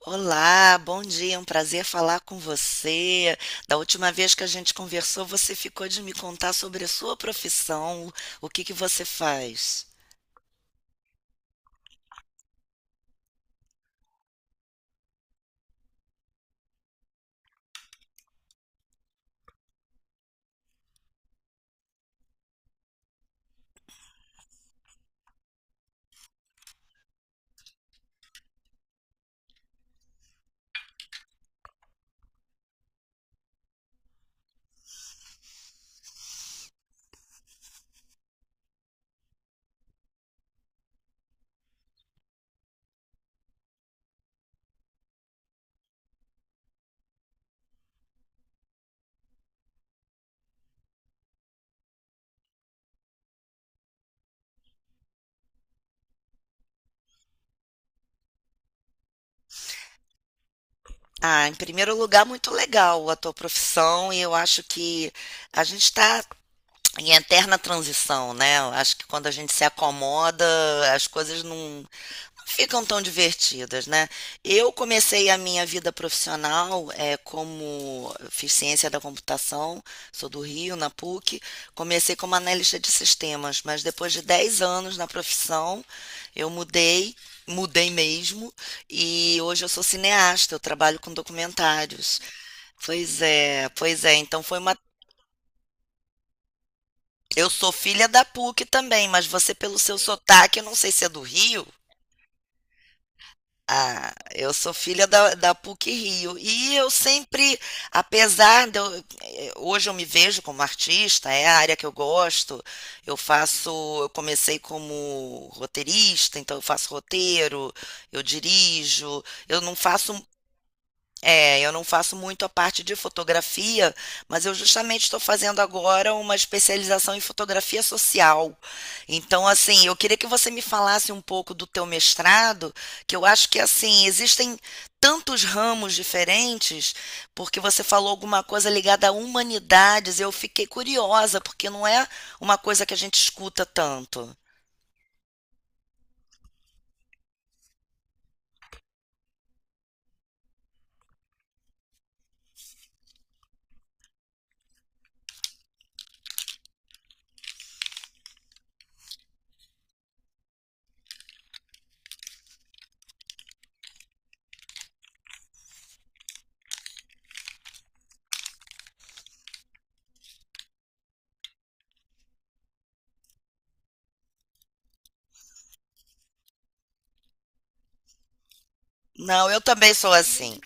Olá, bom dia, é um prazer falar com você. Da última vez que a gente conversou, você ficou de me contar sobre a sua profissão, o que que você faz? Ah, em primeiro lugar, muito legal a tua profissão, e eu acho que a gente está em eterna transição, né? Eu acho que quando a gente se acomoda, as coisas não ficam tão divertidas, né? Eu comecei a minha vida profissional como fiz ciência da computação, sou do Rio, na PUC. Comecei como analista de sistemas, mas depois de 10 anos na profissão, eu mudei, mudei mesmo, e hoje eu sou cineasta, eu trabalho com documentários. Pois é, pois é. Então foi uma. Eu sou filha da PUC também, mas você, pelo seu sotaque, eu não sei se é do Rio. Ah, eu sou filha da PUC Rio. E eu sempre, apesar de eu, hoje eu me vejo como artista, é a área que eu gosto. Eu faço, eu comecei como roteirista, então eu faço roteiro, eu dirijo. Eu não faço eu não faço muito a parte de fotografia, mas eu justamente estou fazendo agora uma especialização em fotografia social. Então, assim, eu queria que você me falasse um pouco do teu mestrado, que eu acho que assim, existem tantos ramos diferentes, porque você falou alguma coisa ligada a humanidades, eu fiquei curiosa, porque não é uma coisa que a gente escuta tanto. Não, eu também sou assim.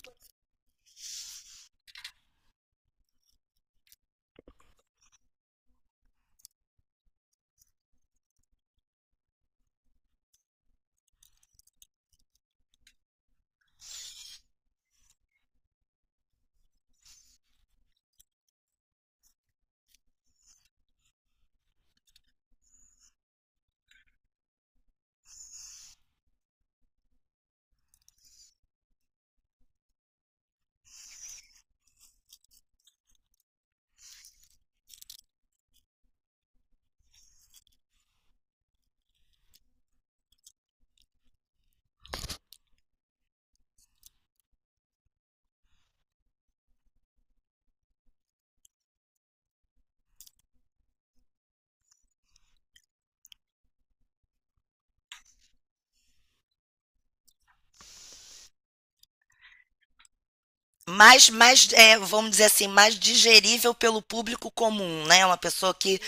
Mais, vamos dizer assim, mais digerível pelo público comum, né? Uma pessoa que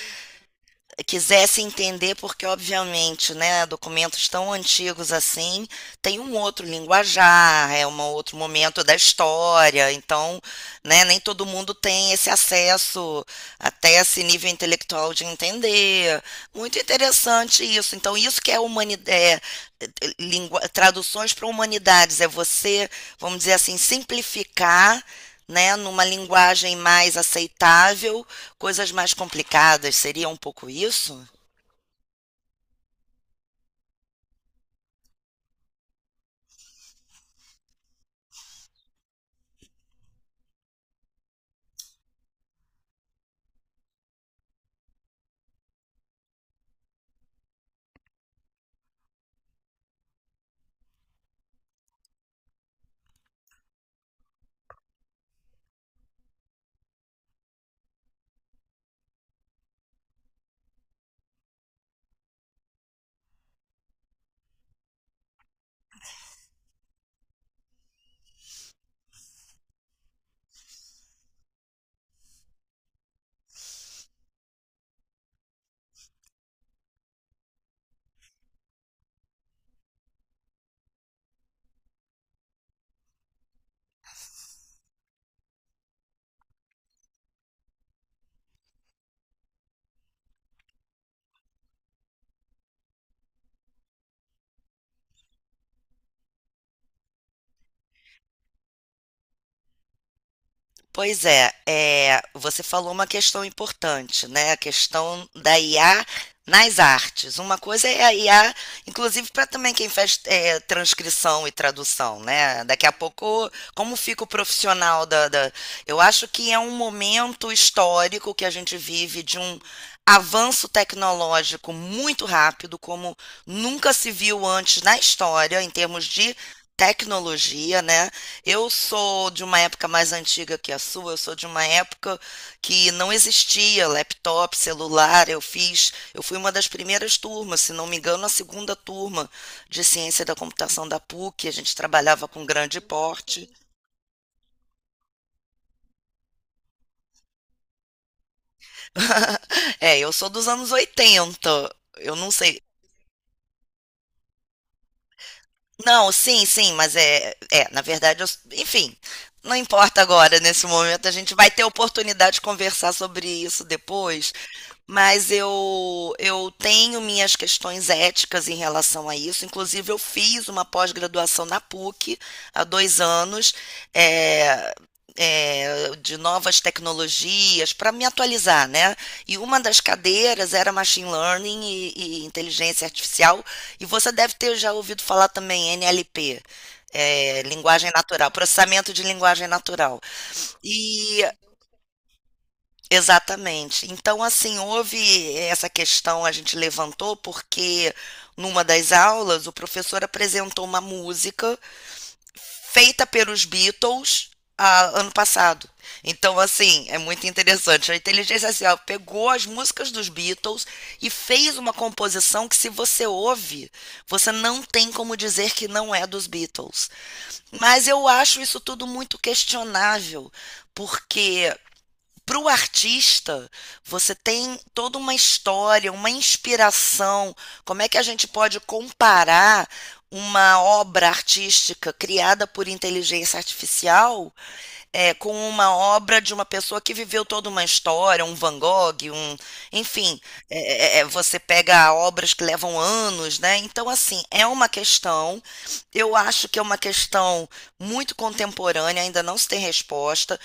quisesse entender, porque obviamente, né, documentos tão antigos assim tem um outro linguajar, é um outro momento da história, então, né, nem todo mundo tem esse acesso até esse nível intelectual de entender. Muito interessante isso. Então, isso que é, humanidade, é traduções para humanidades, é você, vamos dizer assim, simplificar, né, numa linguagem mais aceitável, coisas mais complicadas, seria um pouco isso? Pois é, você falou uma questão importante, né? A questão da IA nas artes. Uma coisa é a IA, inclusive para também quem faz transcrição e tradução, né? Daqui a pouco, como fica o profissional da, da. Eu acho que é um momento histórico que a gente vive de um avanço tecnológico muito rápido, como nunca se viu antes na história, em termos de tecnologia, né? Eu sou de uma época mais antiga que a sua, eu sou de uma época que não existia laptop, celular. Eu fui uma das primeiras turmas, se não me engano, a segunda turma de ciência da computação da PUC. A gente trabalhava com grande porte. É, eu sou dos anos 80. Eu não sei. Não, sim, sim, mas na verdade, enfim, não importa agora, nesse momento, a gente vai ter oportunidade de conversar sobre isso depois, mas eu tenho minhas questões éticas em relação a isso, inclusive eu fiz uma pós-graduação na PUC há 2 anos, é, de novas tecnologias para me atualizar, né? E uma das cadeiras era machine learning e inteligência artificial, e você deve ter já ouvido falar também NLP, linguagem natural, processamento de linguagem natural. E exatamente. Então, assim, houve essa questão, a gente levantou porque numa das aulas o professor apresentou uma música feita pelos Beatles ano passado. Então, assim, é muito interessante. A inteligência artificial pegou as músicas dos Beatles e fez uma composição que, se você ouve, você não tem como dizer que não é dos Beatles. Mas eu acho isso tudo muito questionável, porque para o artista, você tem toda uma história, uma inspiração. Como é que a gente pode comparar uma obra artística criada por inteligência artificial com uma obra de uma pessoa que viveu toda uma história, um Van Gogh, um, enfim, você pega obras que levam anos, né? Então, assim, é uma questão, eu acho que é uma questão muito contemporânea, ainda não se tem resposta.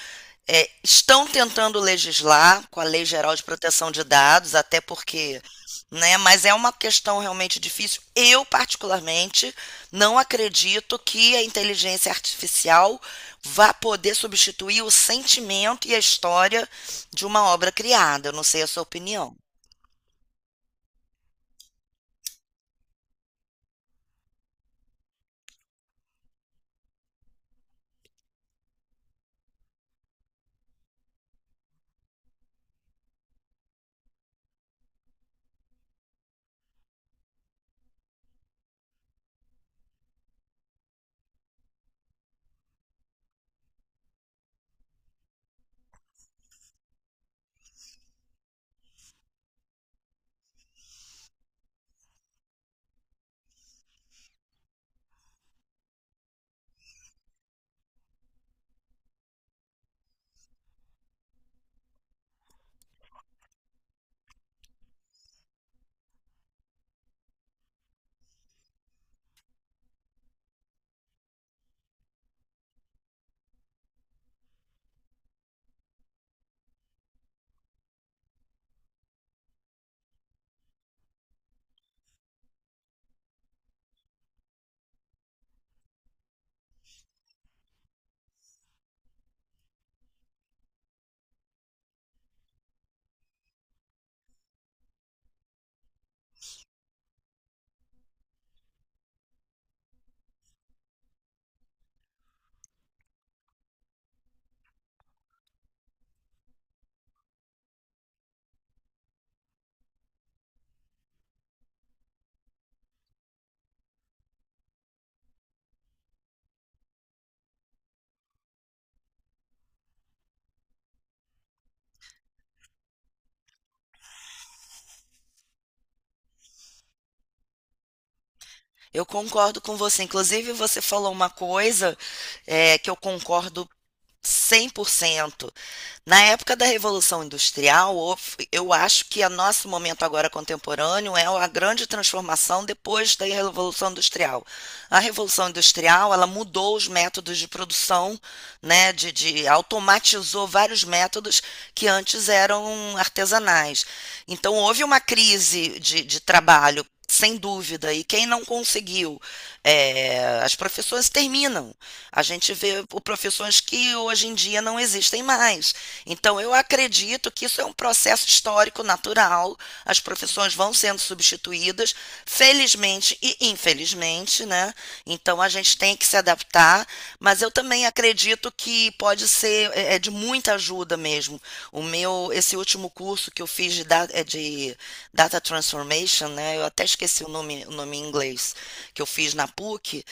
É, estão tentando legislar com a Lei Geral de Proteção de Dados, até porque né? Mas é uma questão realmente difícil. Eu, particularmente, não acredito que a inteligência artificial vá poder substituir o sentimento e a história de uma obra criada. Eu não sei a sua opinião. Eu concordo com você. Inclusive, você falou uma coisa, que eu concordo 100%. Na época da Revolução Industrial, eu acho que o nosso momento agora contemporâneo é a grande transformação depois da Revolução Industrial. A Revolução Industrial, ela mudou os métodos de produção, né, automatizou vários métodos que antes eram artesanais. Então, houve uma crise de trabalho, sem dúvida, e quem não conseguiu, as profissões terminam. A gente vê profissões que hoje em dia não existem mais. Então, eu acredito que isso é um processo histórico natural. As profissões vão sendo substituídas, felizmente e infelizmente, né? Então, a gente tem que se adaptar, mas eu também acredito que pode ser é de muita ajuda mesmo. Esse último curso que eu fiz é de Data Transformation, né? Eu até esqueci o nome em inglês que eu fiz na PUC.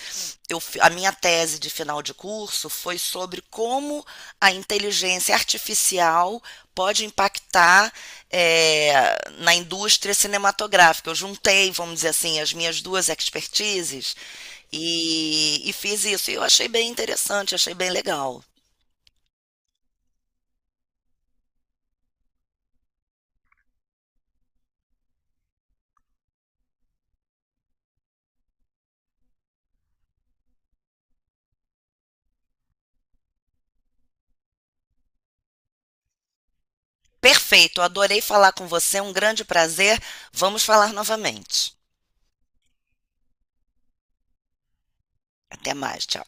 A minha tese de final de curso foi sobre como a inteligência artificial pode impactar na indústria cinematográfica. Eu juntei, vamos dizer assim, as minhas duas expertises e fiz isso. E eu achei bem interessante, achei bem legal. Perfeito, adorei falar com você, um grande prazer. Vamos falar novamente. Até mais, tchau.